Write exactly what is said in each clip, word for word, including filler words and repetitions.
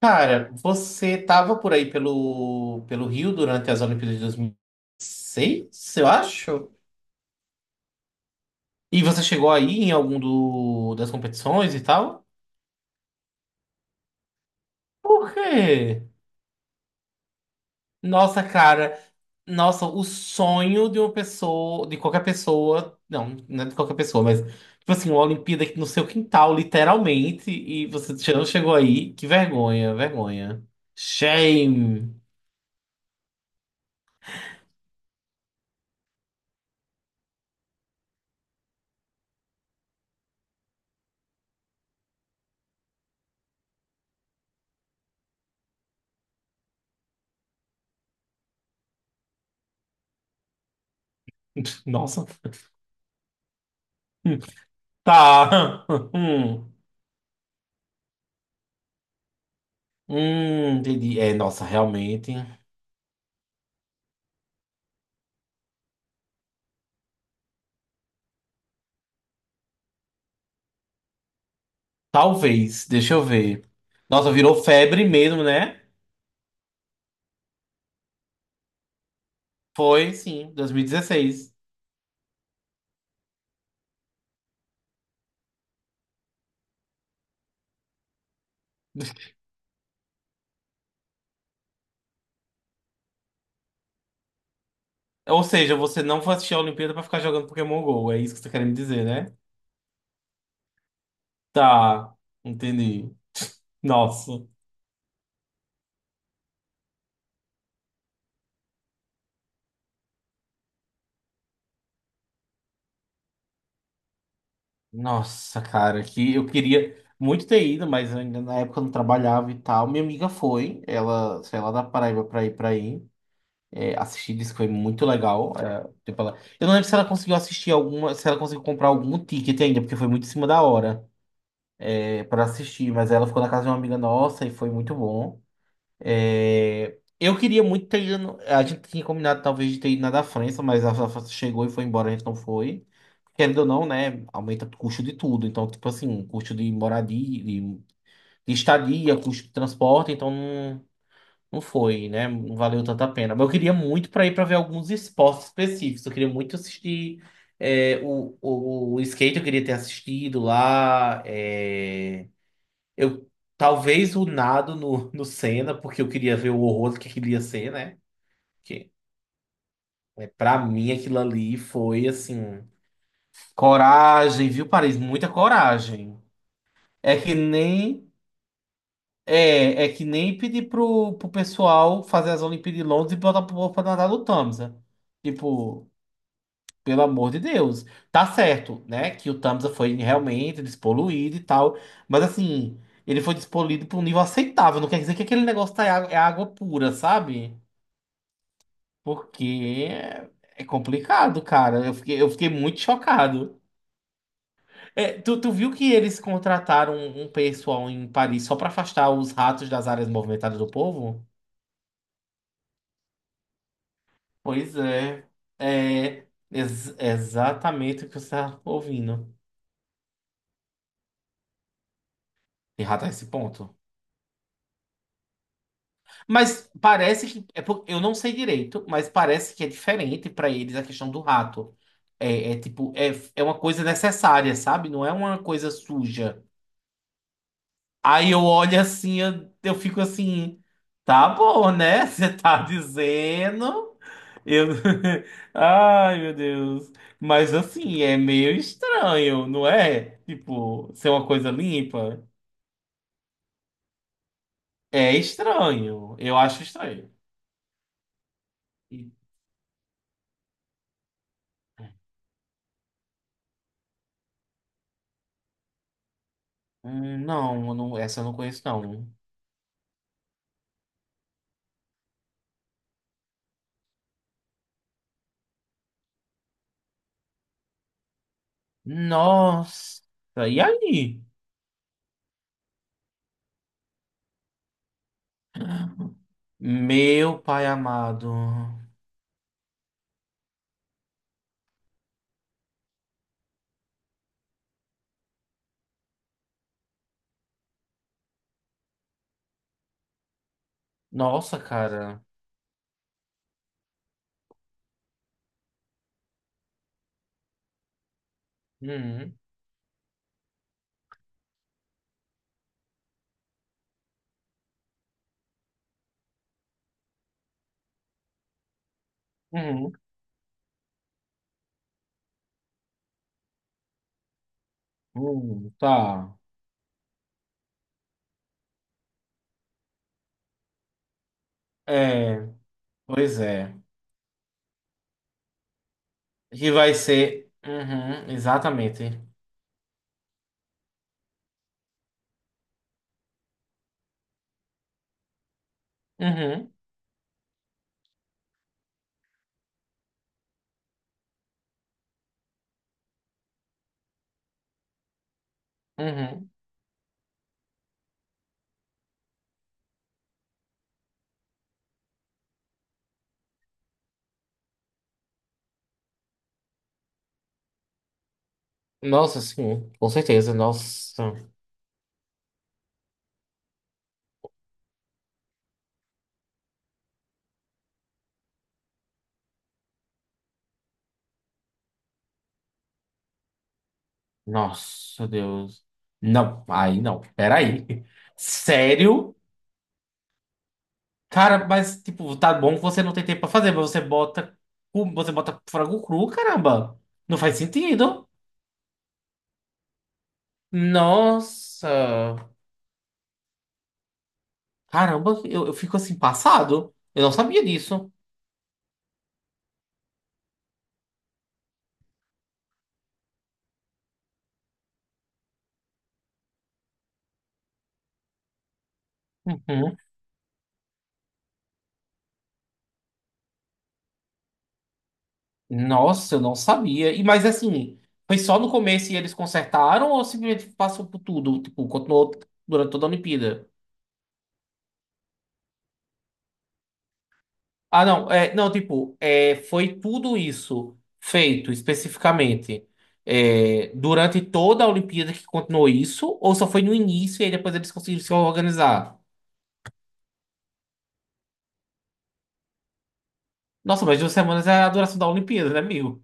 Cara, você tava por aí pelo, pelo Rio durante as Olimpíadas de dois mil e seis, eu acho? E você chegou aí em algum do, das competições e tal? Por quê? Nossa, cara, nossa, o sonho de uma pessoa, de qualquer pessoa, não, não é de qualquer pessoa, mas, tipo assim, uma Olimpíada aqui no seu quintal, literalmente, e você che- não chegou aí, que vergonha, vergonha. Shame. Nossa, tá. Hum, entendi. É, nossa, realmente. Talvez, deixa eu ver. Nossa, virou febre mesmo, né? Foi, sim, dois mil e dezesseis. Ou seja, você não foi assistir a Olimpíada pra ficar jogando Pokémon Go, é isso que você tá querendo me dizer, né? Tá, entendi. Nossa. Nossa, cara, que eu queria muito ter ido, mas ainda na época eu não trabalhava e tal. Minha amiga foi, ela saiu lá da Paraíba pra ir pra aí. É, assistir, disse que foi muito legal. É, tipo, ela- Eu não lembro se ela conseguiu assistir alguma, se ela conseguiu comprar algum ticket ainda, porque foi muito em cima da hora é, para assistir, mas ela ficou na casa de uma amiga nossa e foi muito bom. É, Eu queria muito ter ido. no- A gente tinha combinado talvez de ter ido na da França, mas a da França chegou e foi embora, a gente não foi. Querendo ou não, né? Aumenta o custo de tudo. Então, tipo assim, um custo de moradia, de, de estadia, custo de transporte, então não. Não foi, né? Não valeu tanta pena. Mas eu queria muito para ir para ver alguns esportes específicos. Eu queria muito assistir é, o, o, o skate, eu queria ter assistido lá. É, eu Talvez o nado no, no Senna, porque eu queria ver o horror que aquilo ia ser, né? Porque é, para mim aquilo ali foi assim. Coragem, viu, Paris? Muita coragem. É que nem. É, é que nem pedir pro, pro pessoal fazer as Olimpíadas de Londres e botar pro povo pra nadar no Tamsa. Tipo, pelo amor de Deus. Tá certo, né? Que o Tamsa foi realmente despoluído e tal. Mas assim, ele foi despoluído pra um nível aceitável. Não quer dizer que aquele negócio tá, é água é água pura, sabe? Porque é é complicado, cara. Eu fiquei, eu fiquei muito chocado. É, tu, tu viu que eles contrataram um um pessoal em Paris só pra afastar os ratos das áreas movimentadas do povo? Pois é, é ex- exatamente o que você está ouvindo. Errado esse ponto. Mas parece que é por- eu não sei direito, mas parece que é diferente para eles a questão do rato. É, é tipo, é, é uma coisa necessária, sabe? Não é uma coisa suja. Aí eu olho assim, eu, eu fico assim, tá bom, né? Você tá dizendo. Eu... Ai, meu Deus. Mas assim, é meio estranho, não é? Tipo, ser uma coisa limpa. É estranho. Eu acho estranho. E- Hum, Não, eu não, essa eu não conheço, não. Nossa, e aí? Meu pai amado. Nossa, cara. Uhum, uhum, uhum, tá. É, pois é. Que vai ser. Uhum, exatamente. Uhum, uhum. Nossa, sim, com certeza. Nossa, nossa, Deus. Não, aí não. Peraí. Sério? Cara, mas, tipo, tá bom que você não tem tempo pra fazer, mas você bota, cu- você bota frango cru, caramba. Não faz sentido. Nossa. Caramba, eu, eu fico assim, passado. Eu não sabia disso. Uhum. Nossa, eu não sabia. E, mas assim, foi só no começo e eles consertaram ou simplesmente passou por tudo? Tipo, continuou durante toda a Olimpíada? Ah, não, é, não, tipo, é, foi tudo isso feito especificamente, é, durante toda a Olimpíada que continuou isso, ou só foi no início e aí depois eles conseguiram se organizar? Nossa, mas duas semanas é a duração da Olimpíada, né, meu?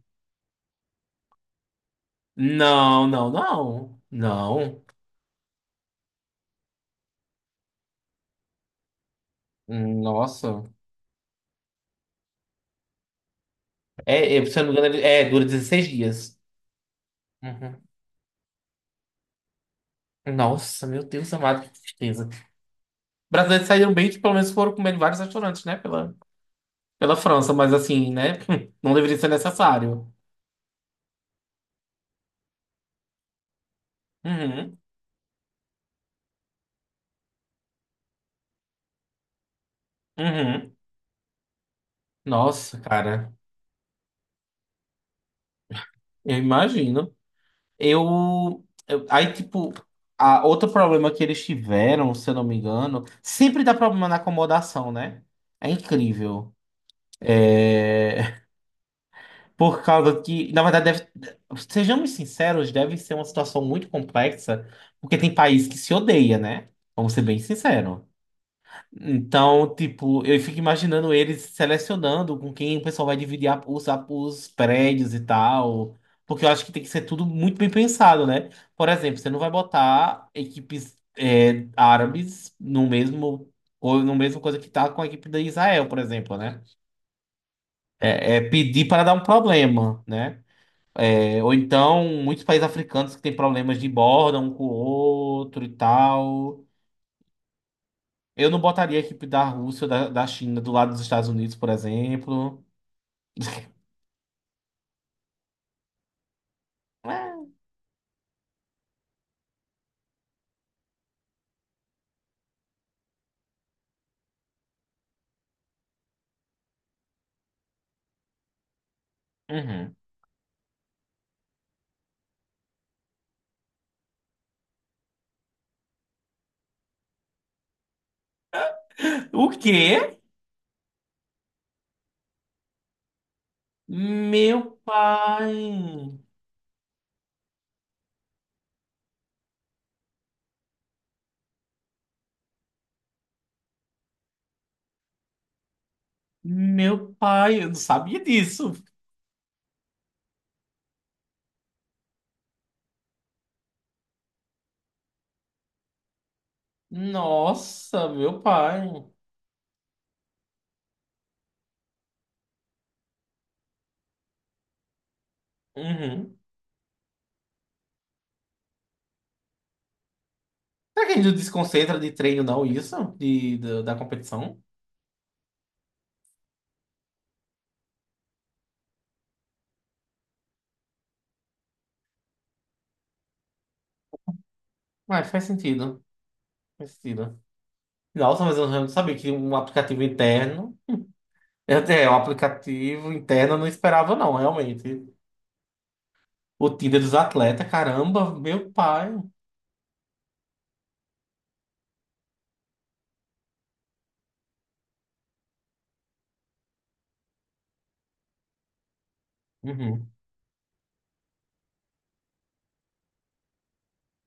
Não, não, não, não. Hum, Nossa, é, é, se eu não me engano, ele- é, dura dezesseis dias. Uhum. Nossa, meu Deus amado, que tristeza. Brasileiros saíram bem que pelo menos foram comer em vários restaurantes, né, pela, pela França, mas assim, né, não deveria ser necessário. Uhum, uhum. Nossa, cara, eu imagino. Eu, eu- aí, tipo, a, outro problema que eles tiveram, se eu não me engano, sempre dá problema na acomodação, né? É incrível. É, por causa que, na verdade, deve, sejamos sinceros, deve ser uma situação muito complexa, porque tem país que se odeia, né? Vamos ser bem sinceros. Então, tipo, eu fico imaginando eles selecionando com quem o pessoal vai dividir a- os, a- os prédios e tal. Porque eu acho que tem que ser tudo muito bem pensado, né? Por exemplo, você não vai botar equipes é, árabes no mesmo, ou no mesmo coisa que tá com a equipe da Israel, por exemplo, né? É, é pedir para dar um problema, né? É, ou então, muitos países africanos que têm problemas de borda um com o outro e tal. Eu não botaria a equipe da Rússia ou da, da China do lado dos Estados Unidos, por exemplo. É, uhum. O quê? Meu pai. Meu pai, eu não sabia disso. Nossa, meu pai. Uhum. Será que a gente não desconcentra de treino, não, isso? De, da, da competição? Ué, faz sentido. Faz sentido. Nossa, mas eu não sabia que um aplicativo interno. É, é, Um aplicativo interno eu não esperava, não, realmente. O Tinder dos atletas, caramba, meu pai. Uhum.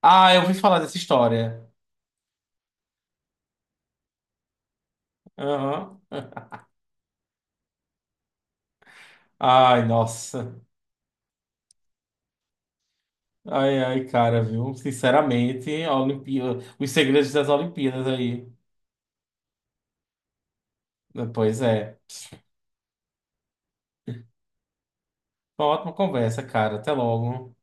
Ah, eu ouvi falar dessa história. Aham. Ai, nossa. Ai, ai, cara, viu? Sinceramente, a Olimpí... Os segredos das Olimpíadas aí. Pois é. Uma ótima conversa, cara. Até logo.